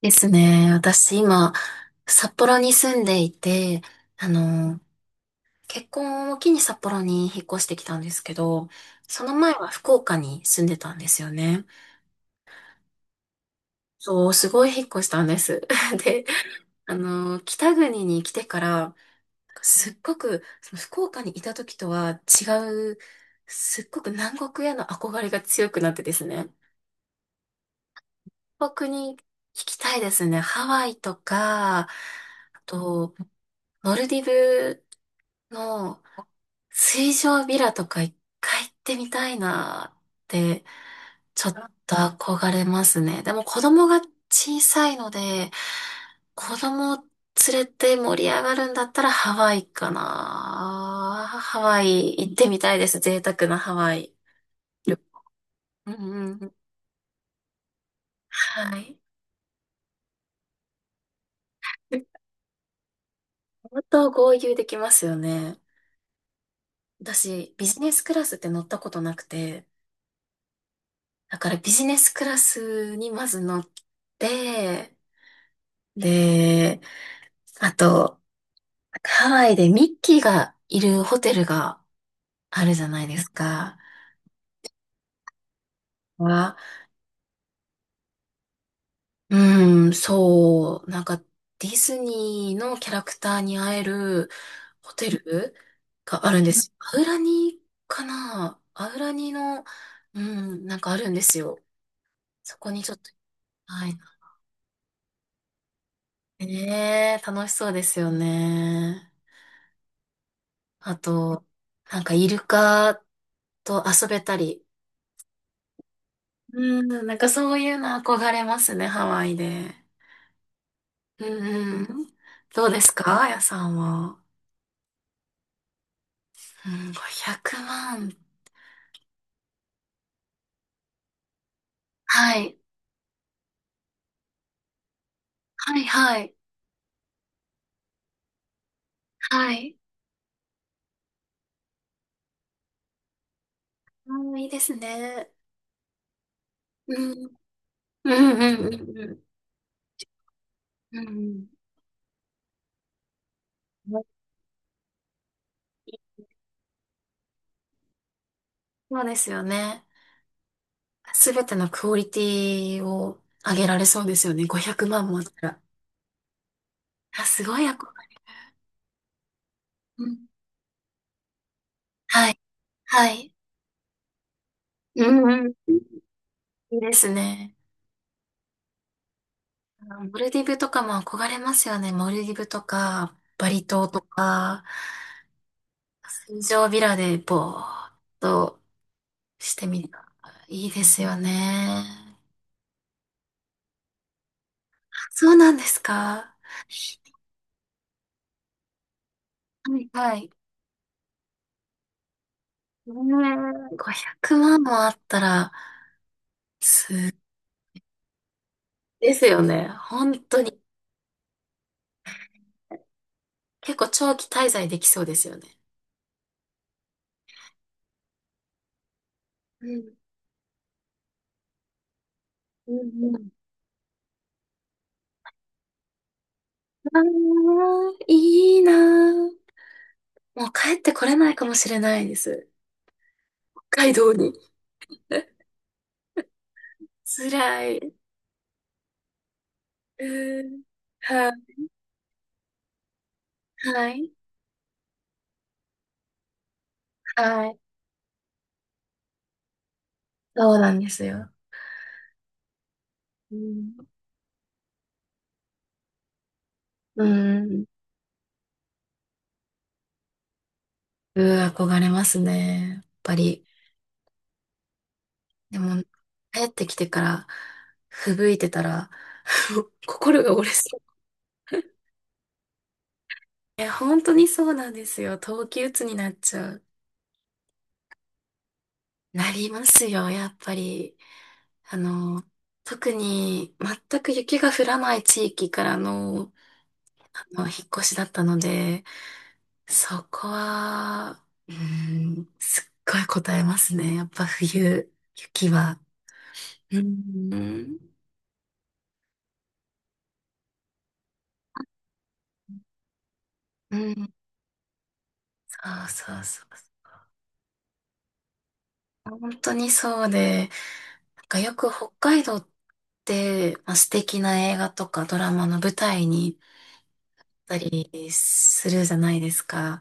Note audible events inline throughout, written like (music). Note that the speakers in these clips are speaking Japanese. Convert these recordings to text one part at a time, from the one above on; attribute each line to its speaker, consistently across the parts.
Speaker 1: ですね。私今、札幌に住んでいて、あの、結婚を機に札幌に引っ越してきたんですけど、その前は福岡に住んでたんですよね。そう、すごい引っ越したんです。(laughs) で、北国に来てから、すっごく、その福岡にいた時とは違う、すっごく南国への憧れが強くなってですね。北に行きたいですね。ハワイとか、あと、モルディブの水上ビラとか1回行ってみたいなーって、ちょっと憧れますね。でも子供が小さいので、子供連れて盛り上がるんだったらハワイかな、ハワイ行ってみたいです。贅沢なハワイ。うんうんうん。はい。本当豪遊できますよね。私、ビジネスクラスって乗ったことなくて、だからビジネスクラスにまず乗って、で、あと、ハワイでミッキーがいるホテルがあるじゃないですか。は、うん、そう、なんかディズニーのキャラクターに会えるホテルがあるんです。アウラニかな、アウラニの、うん、なんかあるんですよ。そこにちょっと、はい。ねえ、楽しそうですよね。あと、なんかイルカと遊べたり、うん、なんかそういうの憧れますね、ハワイで。うんうん。どうですか、あやさんは。うん、500万。はい。はいはい。はい。うん、いいですね。うん。うんうんうんうん。うん。そうですよね。すべてのクオリティを上げられそうですよね。500万もあったら。あ、すごい憧れ。うん。はい。はい。うんうん。いいですね。モルディブとかも憧れますよね。モルディブとか、バリ島とか、水上ビラでぼーっとしてみた。いいですよね。そうなんですか。はいはい。ねえ、500万もあったら、す、ですよね。本当に。結構長期滞在できそうですよね。うんうんうん。あーいいなー。もう帰ってこれないかもしれないです。北海道に。辛い。うん。はい。はい。はい。そうなんですよ。うん。うん。うん、憧れますね。やっぱり。でも、帰ってきてから、吹雪いてたら、(laughs) 心が折れそう。え、本当にそうなんですよ。冬季うつになっちゃう。なりますよ、やっぱり。あの、特に全く雪が降らない地域からの、引っ越しだったので、そこは、うん、すっごい答えますね。やっぱ冬、雪は。うん、うん。そうそうそう。本当にそうで、なんかよく北海道って、まあ、素敵な映画とかドラマの舞台にたりするじゃないですか。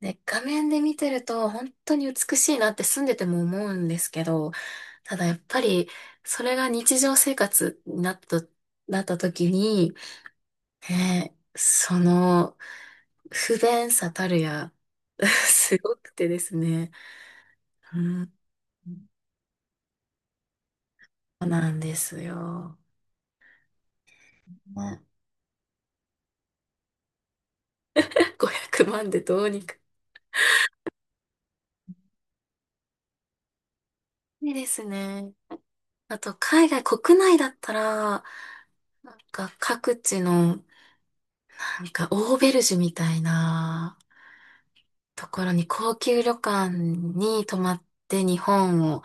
Speaker 1: で、画面で見てると本当に美しいなって住んでても思うんですけど、ただやっぱりそれが日常生活になった時に、ね、その不便さたるや、(laughs) すごくてですね。うん、そうなんですよ。ね、500万 (laughs) でどうにか。いいですね。あと、海外、国内だったら、なんか各地の、なんかオーベルジュみたいなところに高級旅館に泊まって日本を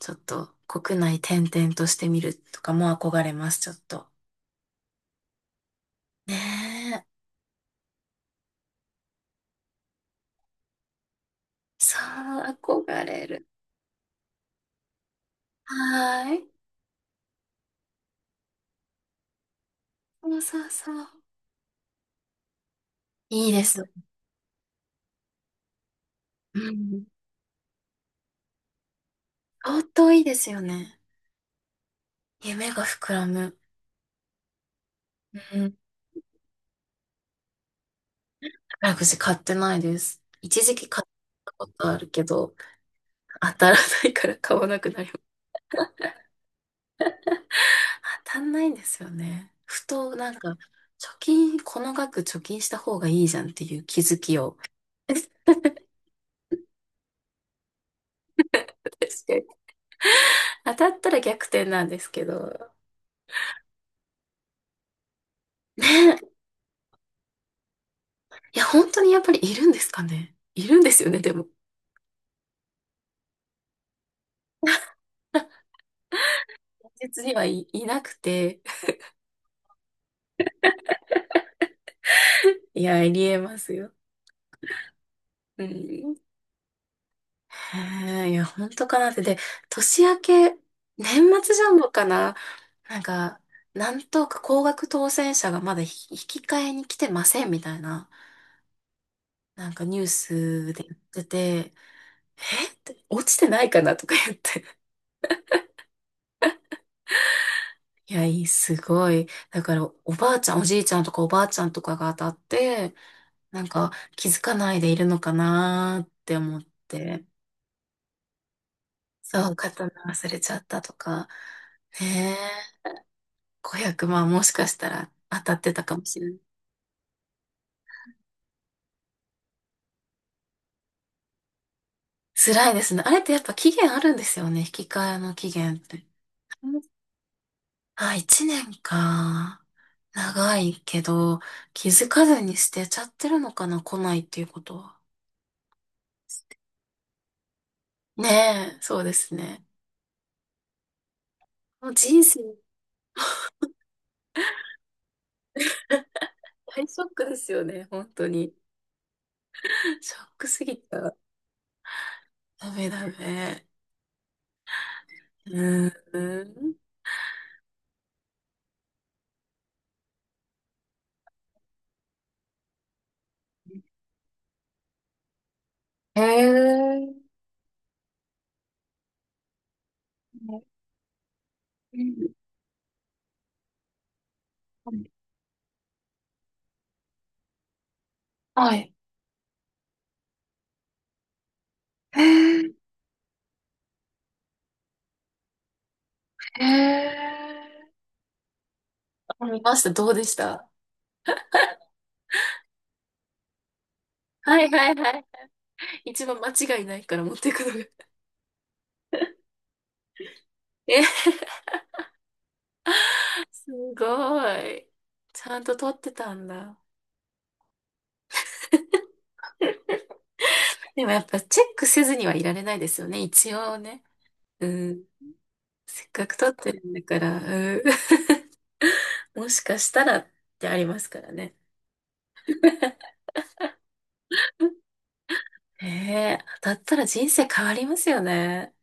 Speaker 1: ちょっと国内転々としてみるとかも憧れます、ちょっと。ねえ。そう、憧れる。はーい。そうそうそう。いいです。うん。相当いいですよね。夢が膨らむ。うん。宝くじ買ってないです。一時期買ったことあるけど、当たらないから買わなくなります。当たんないんですよね。ふとなんか、貯金、この額貯金した方がいいじゃんっていう気づきを。(laughs) 確かに当たったら逆転なんですけど。ねえ。いや、本当にやっぱりいるんですかね。いるんですよね、でも。現実にはい、いなくて。いや、ありえますよ。うん。へえ、いや、本当かなって。で、年明け、年末ジャンボかな、なんか、なんとか高額当選者がまだ引き換えに来てませんみたいな、なんかニュースで言ってて、えって落ちてないかなとか言って。いや、すごい。だから、おじいちゃんとかおばあちゃんとかが当たって、なんか気づかないでいるのかなって思って、そう、刀忘れちゃったとか。ねえ。500万もしかしたら当たってたかもしれない。辛いですね。あれってやっぱ期限あるんですよね。引き換えの期限って。うん、あ、1年か。長いけど、気づかずに捨てちゃってるのかな、来ないっていうことは。ねえ、そうですね。もう人生、大ショックですよね、本当に。ショックすぎた。ダメダメ。うーん。へえ。うん、はい。へえ。へえ。見ました。どうでした？はいはいはい。一番間違いないから持っていくのが。え、すごい。ちゃんと撮ってたんだ。でもやっぱチェックせずにはいられないですよね。一応ね。うん。せっかく撮ってるんだから、うん。(laughs) もしかしたらってありますからね。(laughs) へえ、当たったら人生変わりますよね。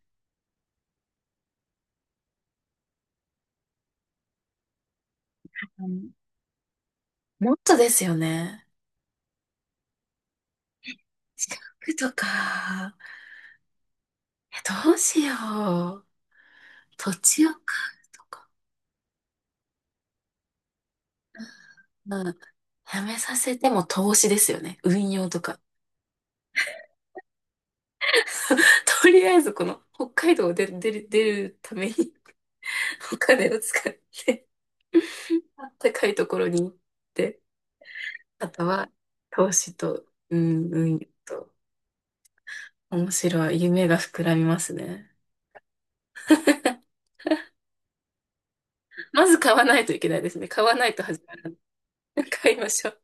Speaker 1: うん、もっとですよね。資格とか、えどうしよう。土地を買うとか。まあ、やめさせても投資ですよね。運用とか。(laughs) とりあえずこの北海道を出る出るために (laughs) お金を使って、あったかいところに行って、あとは投資と、うん、運用と、面白い。夢が膨らみますね。(laughs) まず買わないといけないですね。買わないと始まらない。(laughs) 買いましょう。